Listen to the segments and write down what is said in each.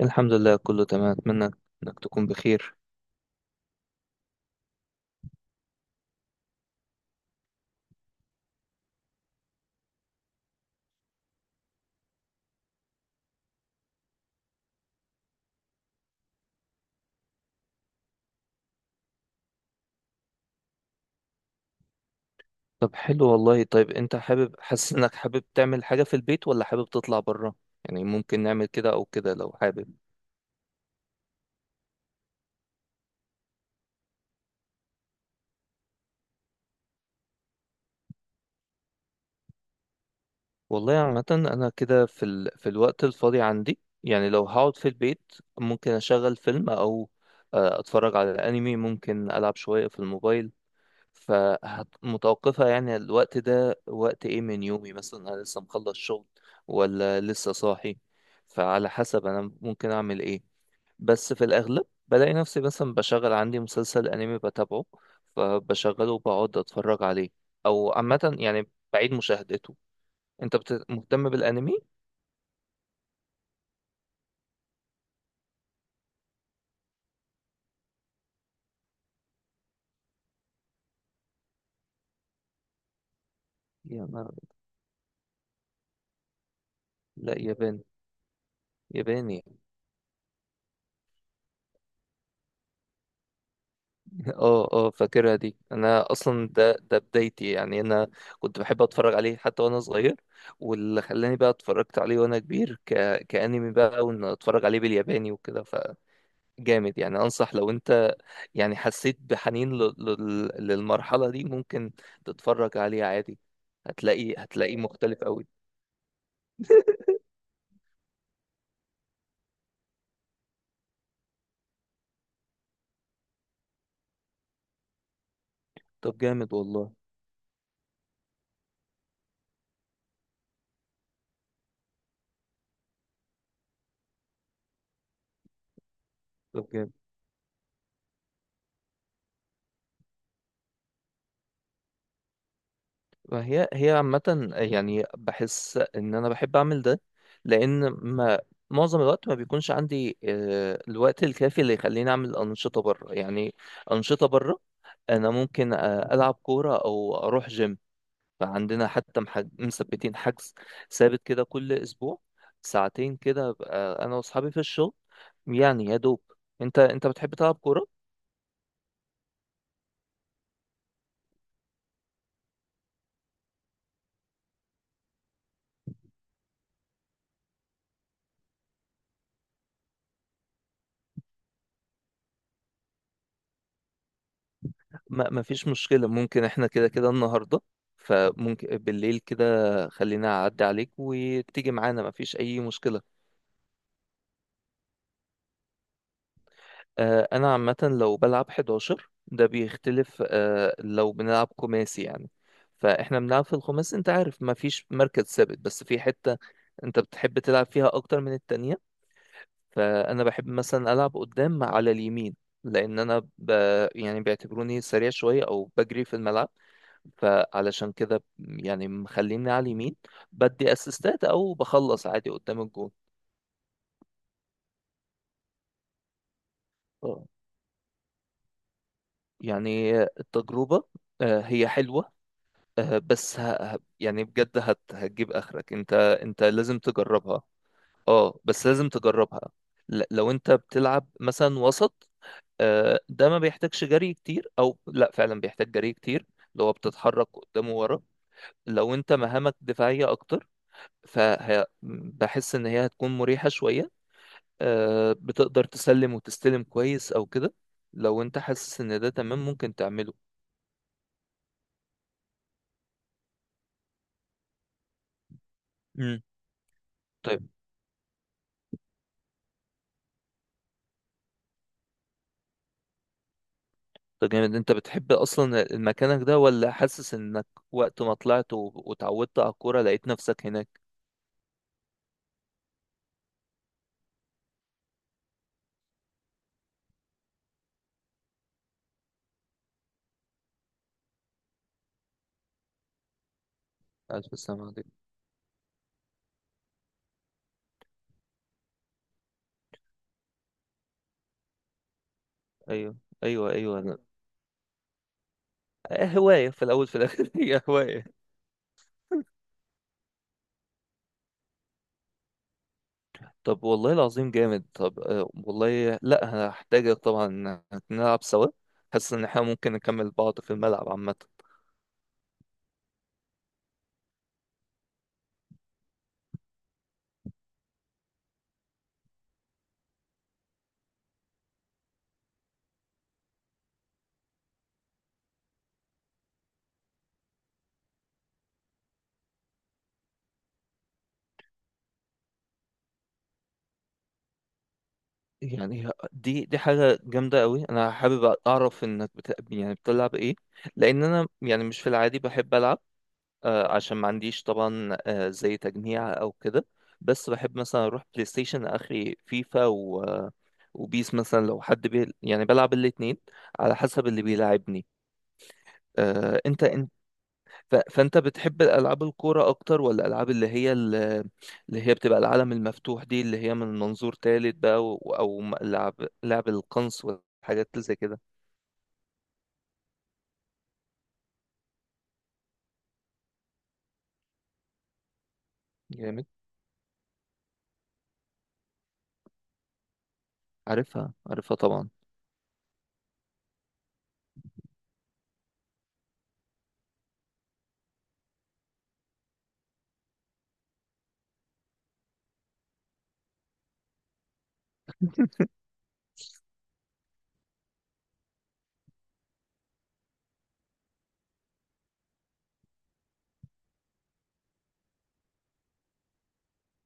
الحمد لله كله تمام، اتمنى انك تكون بخير. طب حلو والله. طيب انت حابب، حاسس انك حابب تعمل حاجة في البيت ولا حابب تطلع بره؟ يعني ممكن نعمل كده او كده لو حابب. والله عامة انا كده في الوقت الفاضي عندي، يعني لو هقعد في البيت ممكن اشغل فيلم او اتفرج على انمي، ممكن العب شوية في الموبايل. فمتوقفة يعني الوقت ده وقت ايه من يومي، مثلا انا لسه مخلص شغل ولا لسه صاحي، فعلى حسب انا ممكن اعمل ايه. بس في الأغلب بلاقي نفسي مثلا بشغل عندي مسلسل أنمي بتابعه، فبشغله وبقعد أتفرج عليه، أو عامة يعني بعيد مشاهدته. مهتم بالأنمي؟ يا نهار! لا ياباني، ياباني اه اه، فاكرها دي. انا اصلا ده بدايتي، يعني انا كنت بحب اتفرج عليه حتى وانا صغير. واللي خلاني بقى اتفرجت عليه وانا كبير كأنمي بقى، وان اتفرج عليه بالياباني وكده، جامد. يعني انصح لو انت يعني حسيت بحنين للمرحلة دي، ممكن تتفرج عليه عادي. هتلاقيه مختلف قوي. طب جامد والله. طب جامد. ما هي عامة يعني بحس ان انا بحب اعمل ده، لان ما معظم الوقت ما بيكونش عندي الوقت الكافي اللي يخليني اعمل انشطة بره، يعني انشطة بره. انا ممكن العب كورة او اروح جيم. فعندنا حتى مثبتين حجز ثابت كده كل اسبوع، ساعتين كده بقى انا واصحابي في الشغل، يعني يا دوب. انت بتحب تلعب كوره؟ ما فيش مشكله، ممكن احنا كده كده النهارده، فممكن بالليل كده، خلينا اعدي عليك وتيجي معانا، ما فيش اي مشكله. انا عامه لو بلعب 11 ده بيختلف، لو بنلعب خماسي يعني. فاحنا بنلعب في الخماسي، انت عارف ما فيش مركز ثابت، بس في حته انت بتحب تلعب فيها اكتر من التانية. فانا بحب مثلا العب قدام على اليمين، لان انا ب... يعني بيعتبروني سريع شويه او بجري في الملعب، فعلشان كده يعني مخليني على اليمين، بدي اسيستات او بخلص عادي قدام الجون. آه. يعني التجربه هي حلوه، بس يعني بجد هتجيب اخرك، انت لازم تجربها. اه بس لازم تجربها. لو انت بتلعب مثلا وسط، ده ما بيحتاجش جري كتير، او لا فعلا بيحتاج جري كتير، اللي هو بتتحرك قدام وورا. لو انت مهامك دفاعية اكتر، فبحس ان هي هتكون مريحة شوية، بتقدر تسلم وتستلم كويس او كده. لو انت حاسس ان ده تمام ممكن تعمله. مم. طيب ده جامد. انت بتحب اصلا المكانك ده، ولا حاسس انك وقت ما طلعت واتعودت على الكورة لقيت نفسك هناك؟ ألف سلام عليكم. ايوه ايوه، هواية في الاول في الاخر هي هواية. طب والله العظيم جامد. طب والله لا هحتاجك طبعا، إن نلعب سوا. حاسس ان احنا ممكن نكمل بعض في الملعب عامة. يعني دي حاجة جامدة قوي. انا حابب اعرف انك يعني بتلعب ايه؟ لان انا يعني مش في العادي بحب العب، عشان ما عنديش طبعا زي تجميع او كده. بس بحب مثلا اروح بلاي ستيشن اخري فيفا وبيس، مثلا لو حد يعني بلعب الاتنين على حسب اللي بيلعبني. انت فانت بتحب الالعاب الكوره اكتر، ولا الالعاب اللي هي بتبقى العالم المفتوح دي، اللي هي من منظور تالت بقى، لعب، لعب القنص والحاجات اللي زي كده؟ جامد. عارفها طبعا.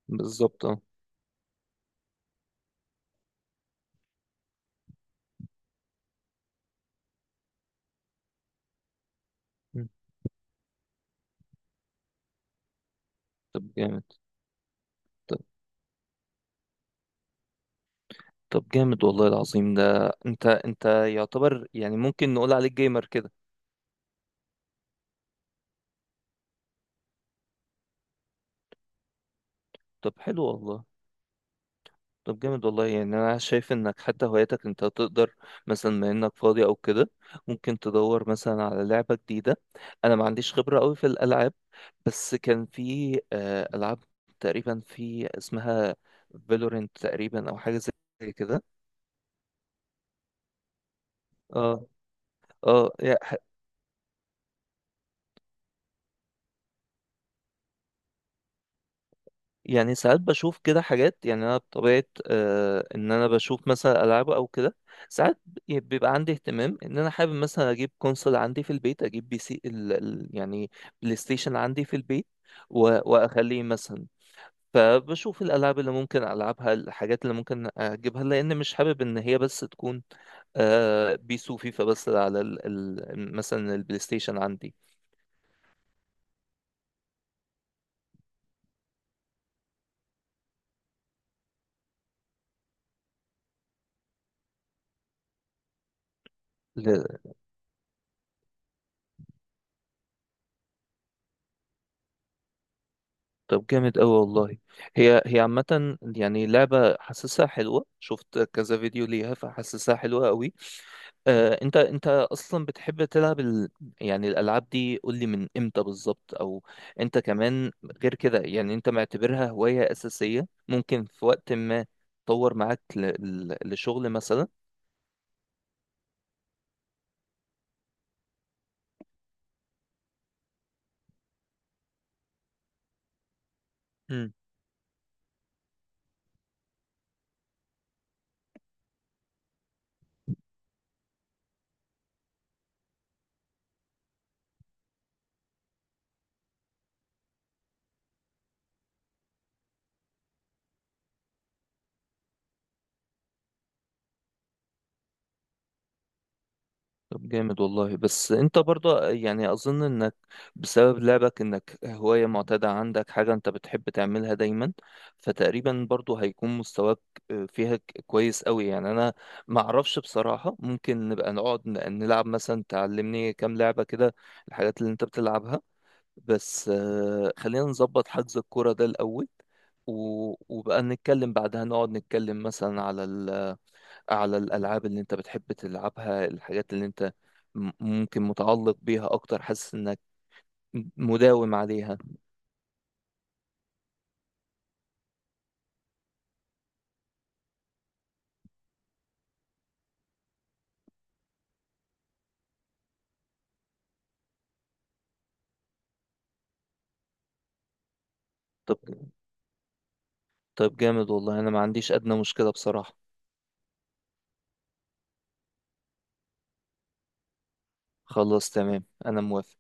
بالظبط اه. م. طب جامد. طب. طب جامد والله العظيم. ده انت يعتبر، يعني ممكن نقول عليك جيمر كده. طب حلو والله. طب جامد والله. يعني انا شايف انك حتى هواياتك انت تقدر مثلا، ما انك فاضي او كده، ممكن تدور مثلا على لعبة جديدة. انا ما عنديش خبرة قوي في الالعاب، بس كان في العاب تقريبا، في اسمها فالورنت تقريبا او حاجة زي كده. اه اه. يعني يعني ساعات بشوف كده حاجات. يعني انا بطبيعه آه ان انا بشوف مثلا العاب او كده، ساعات بيبقى عندي اهتمام ان انا حابب مثلا اجيب كونسول عندي في البيت، اجيب بي سي ال يعني بلاي ستيشن عندي في البيت، واخليه مثلا. فبشوف الالعاب اللي ممكن العبها، الحاجات اللي ممكن اجيبها، لان مش حابب ان هي بس تكون آه بيس وفيفا بس على ال مثلا البلاي ستيشن عندي. طب جامد قوي والله. هي عامة يعني لعبة حاسسها حلوة، شفت كذا فيديو ليها فحاسسها حلوة قوي. آه انت اصلا بتحب تلعب يعني الالعاب دي، قول لي من امتى بالظبط. او انت كمان غير كده، يعني انت معتبرها هواية اساسية ممكن في وقت ما تطور معاك لشغل مثلا؟ طب جامد والله. بس انت برضه يعني اظن انك بسبب لعبك، انك هواية معتادة عندك، حاجة انت بتحب تعملها دايما، فتقريبا برضه هيكون مستواك فيها كويس قوي. يعني انا ما اعرفش بصراحة، ممكن نبقى نقعد نلعب، مثلا تعلمني كام لعبة كده، الحاجات اللي انت بتلعبها. بس خلينا نظبط حجز الكورة ده الاول، وبقى نتكلم بعدها، نقعد نتكلم مثلا على على الألعاب اللي أنت بتحب تلعبها، الحاجات اللي أنت ممكن متعلق بيها أكتر، حاسس إنك مداوم عليها. طب. طب جامد والله، أنا ما عنديش أدنى مشكلة بصراحة. خلاص تمام أنا موافق.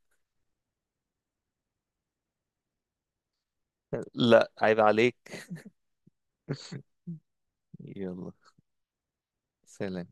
لا عيب عليك. يلا سلام.